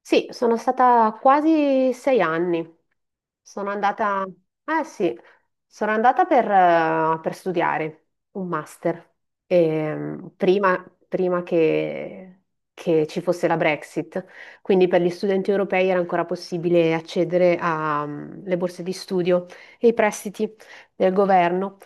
Sì, sono stata quasi sei anni. Sono andata, eh sì, sono andata per studiare un master. Prima che ci fosse la Brexit. Quindi per gli studenti europei era ancora possibile accedere alle borse di studio e i prestiti del governo.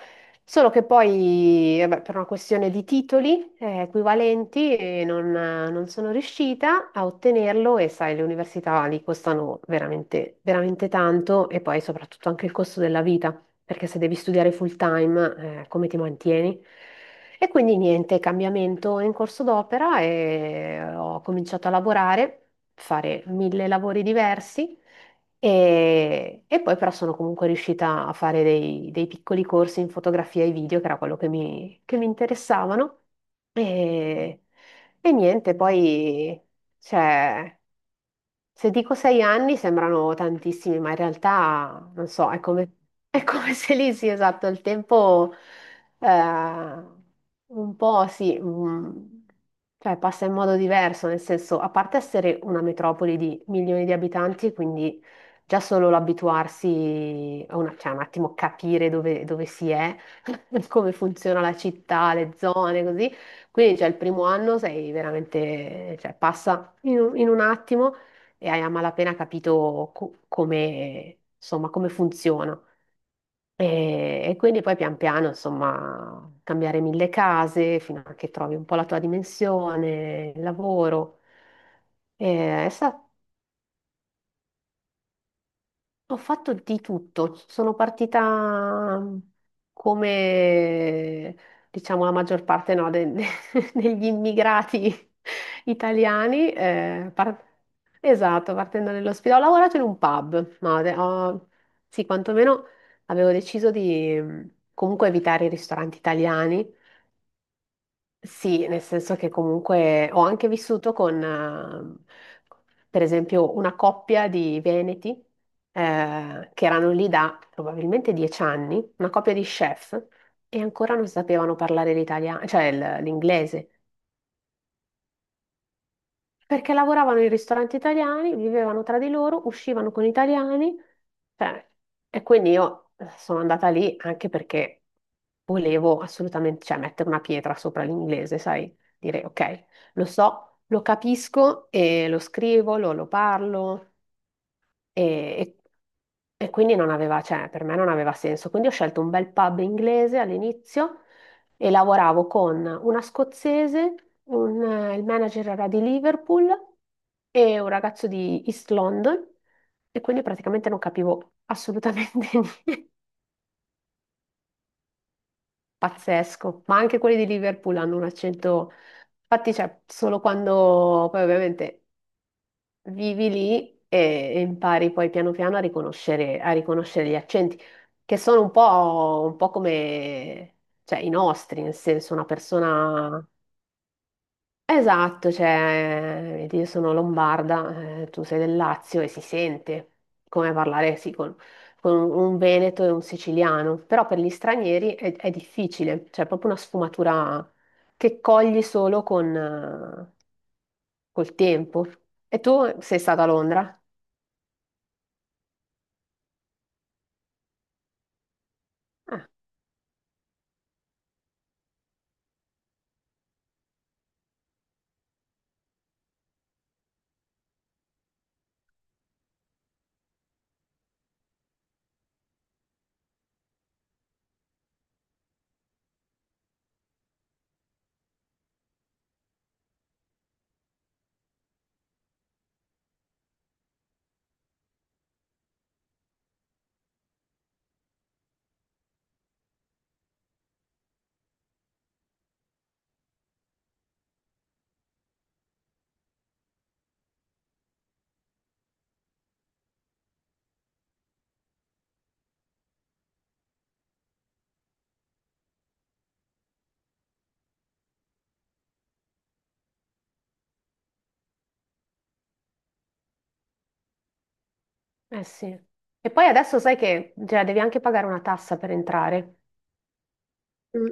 Solo che poi, vabbè, per una questione di titoli equivalenti, non sono riuscita a ottenerlo e sai, le università lì costano veramente, veramente tanto e poi soprattutto anche il costo della vita perché se devi studiare full time, come ti mantieni? E quindi niente, cambiamento in corso d'opera e ho cominciato a lavorare, fare mille lavori diversi e poi però sono comunque riuscita a fare dei piccoli corsi in fotografia e video, che era quello che mi interessavano. E, e niente, poi c'è se dico sei anni sembrano tantissimi, ma in realtà non so, è come se lì sì, esatto, il tempo eh, un po' sì, mm, cioè passa in modo diverso, nel senso, a parte essere una metropoli di milioni di abitanti, quindi già solo l'abituarsi, cioè un attimo capire dove si è, come funziona la città, le zone, così. Quindi, cioè, il primo anno sei veramente, cioè, passa in un attimo e hai a malapena capito come, insomma, come funziona. E quindi poi pian piano, insomma, cambiare mille case fino a che trovi un po' la tua dimensione, il lavoro. E, è stato. Ho fatto di tutto, sono partita come diciamo la maggior parte no, degli immigrati italiani. Esatto, partendo dall'ospedale. Ho lavorato in un pub, ma sì, quantomeno avevo deciso di comunque evitare i ristoranti italiani, sì, nel senso che comunque ho anche vissuto con, per esempio, una coppia di veneti, che erano lì da probabilmente dieci anni, una coppia di chef, e ancora non sapevano parlare l'italiano, cioè l'inglese. Perché lavoravano in ristoranti italiani, vivevano tra di loro, uscivano con italiani, cioè, e quindi io sono andata lì anche perché volevo assolutamente, cioè, mettere una pietra sopra l'inglese, sai? Dire, ok, lo so, lo capisco e lo scrivo, lo parlo, e, e e quindi non aveva, cioè, per me non aveva senso. Quindi ho scelto un bel pub inglese all'inizio e lavoravo con una scozzese, il manager era di Liverpool e un ragazzo di East London e quindi praticamente non capivo assolutamente niente. Pazzesco, ma anche quelli di Liverpool hanno un accento, infatti, cioè, solo quando poi ovviamente vivi lì e impari poi piano piano a riconoscere gli accenti, che sono un po' come cioè, i nostri, nel senso una persona... Esatto, cioè, vedi, io sono lombarda, tu sei del Lazio e si sente come parlare sì, con un veneto e un siciliano, però per gli stranieri è difficile, cioè è proprio una sfumatura che cogli solo con, col tempo. E tu sei stata a Londra? Eh sì. E poi adesso sai che cioè, devi anche pagare una tassa per entrare. Mm.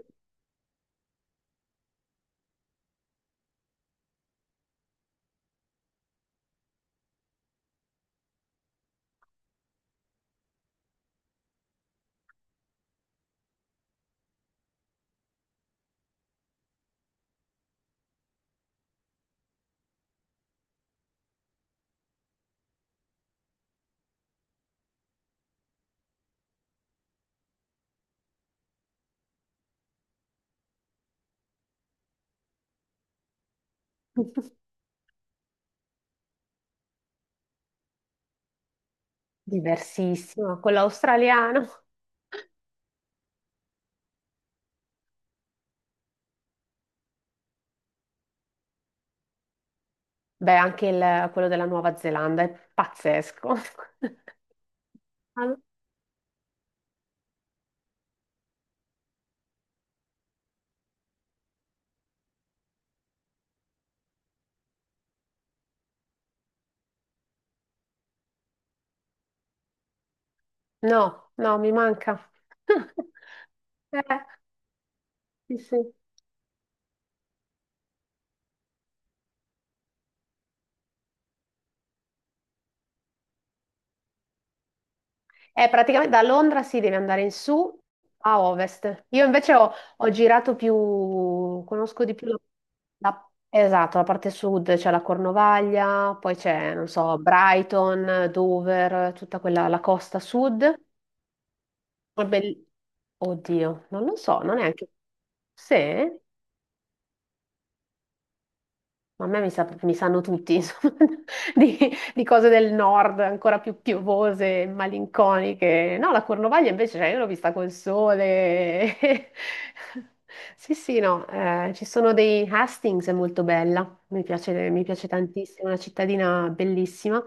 Diversissima. Quello australiano. Beh, anche quello della Nuova Zelanda è pazzesco. Ah, no, no, mi manca. Eh, sì, sì. Praticamente da Londra si deve andare in su a ovest. Io invece ho, ho girato più, conosco di più la, esatto, la parte sud, c'è la Cornovaglia, poi c'è, non so, Brighton, Dover, tutta quella, la costa sud. È bell- Oddio, non lo so, non è anche... Sì? Ma a me mi, sa- mi sanno tutti, insomma, di, di cose del nord ancora più piovose e malinconiche. No, la Cornovaglia invece, cioè, io l'ho vista col sole. Sì, sì, no, ci sono dei Hastings, è molto bella, mi piace tantissimo, è una cittadina bellissima.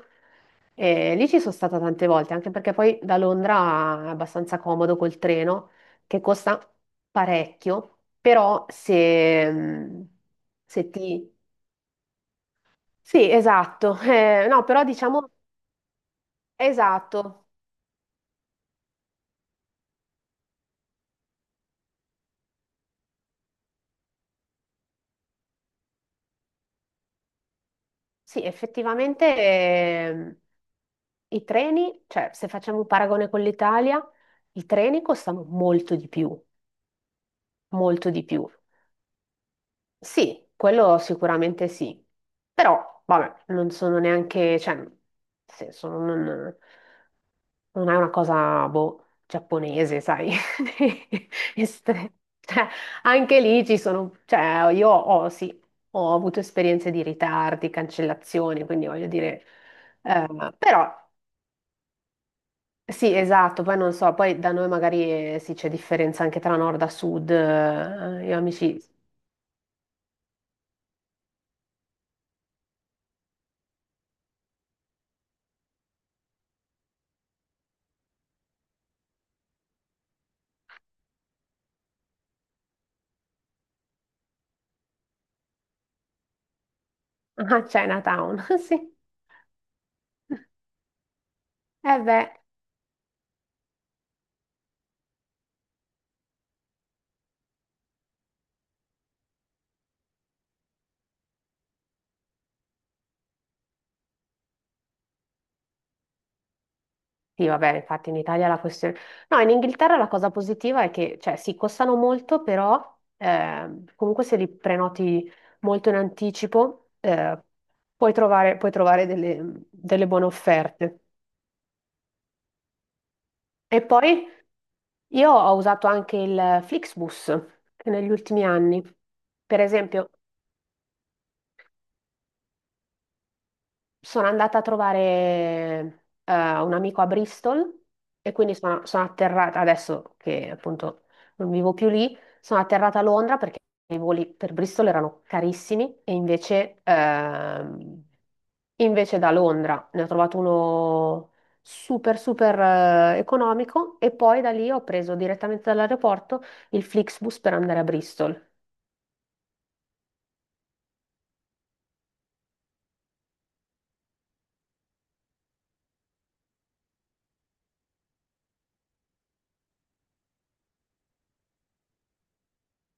E lì ci sono stata tante volte, anche perché poi da Londra è abbastanza comodo col treno, che costa parecchio, però se, mm, se ti... Sì, esatto. No, però diciamo, esatto. Sì, effettivamente i treni, cioè se facciamo un paragone con l'Italia, i treni costano molto di più, molto di più. Sì, quello sicuramente sì, però vabbè, non sono neanche, cioè, nel senso, non, non è una cosa, boh, giapponese, sai, Estre- cioè, anche lì ci sono, cioè, sì, ho avuto esperienze di ritardi, cancellazioni, quindi voglio dire, però, sì, esatto, poi non so, poi da noi magari, sì, c'è differenza anche tra nord a sud, io amici, ah, Chinatown, sì. Eh beh, sì, vabbè, infatti in Italia la questione... No, in Inghilterra la cosa positiva è che, cioè, sì, costano molto, però comunque se li prenoti molto in anticipo puoi trovare delle buone offerte. E poi io ho usato anche il Flixbus che negli ultimi anni. Per esempio, sono andata a trovare eh, un amico a Bristol e quindi sono atterrata, adesso che appunto non vivo più lì, sono atterrata a Londra perché i voli per Bristol erano carissimi e invece, invece da Londra ne ho trovato uno super super economico e poi da lì ho preso direttamente dall'aeroporto il Flixbus per andare a Bristol.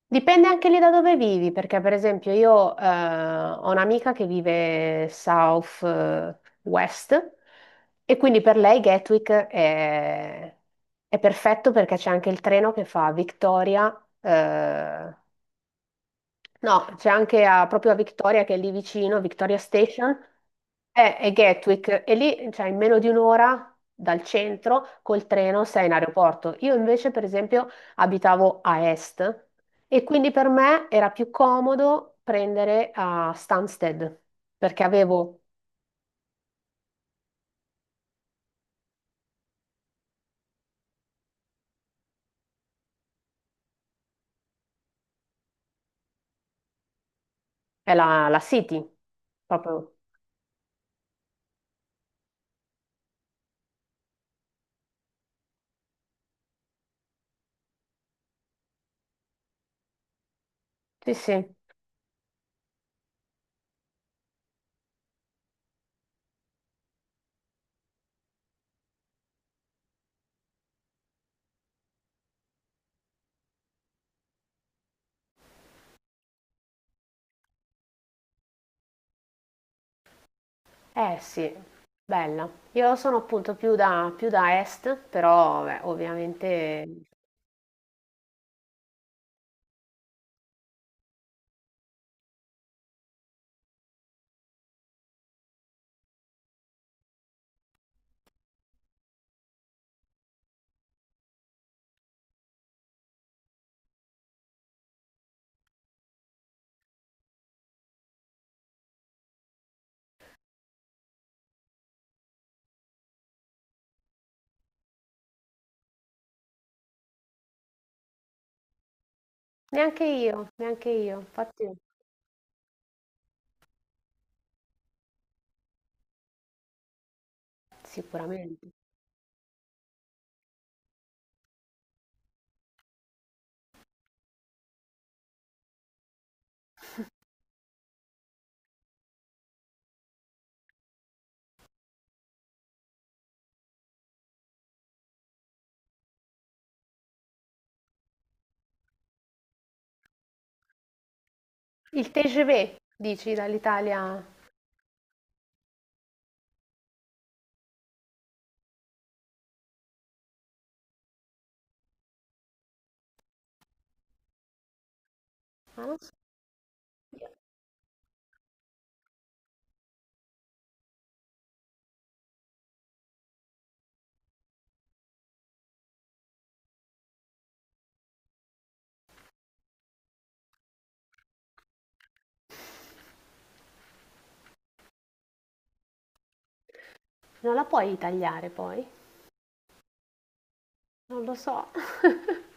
Dipende anche lì da dove vivi, perché per esempio io ho un'amica che vive South West e quindi per lei è perfetto perché c'è anche il treno che fa Victoria, eh, no, c'è anche proprio a Victoria, che è lì vicino, Victoria Station, è Gatwick, e lì, cioè, in meno di un'ora dal centro, col treno, sei in aeroporto. Io invece, per esempio, abitavo a est, e quindi per me era più comodo prendere a Stansted, perché avevo, è la, la City, proprio. Sì, sì. Eh sì, bella. Io sono appunto più da est, però beh, ovviamente neanche io, neanche io, infatti sicuramente. Il TGV, dici dall'Italia? Ma non so, non la puoi tagliare poi, non lo so.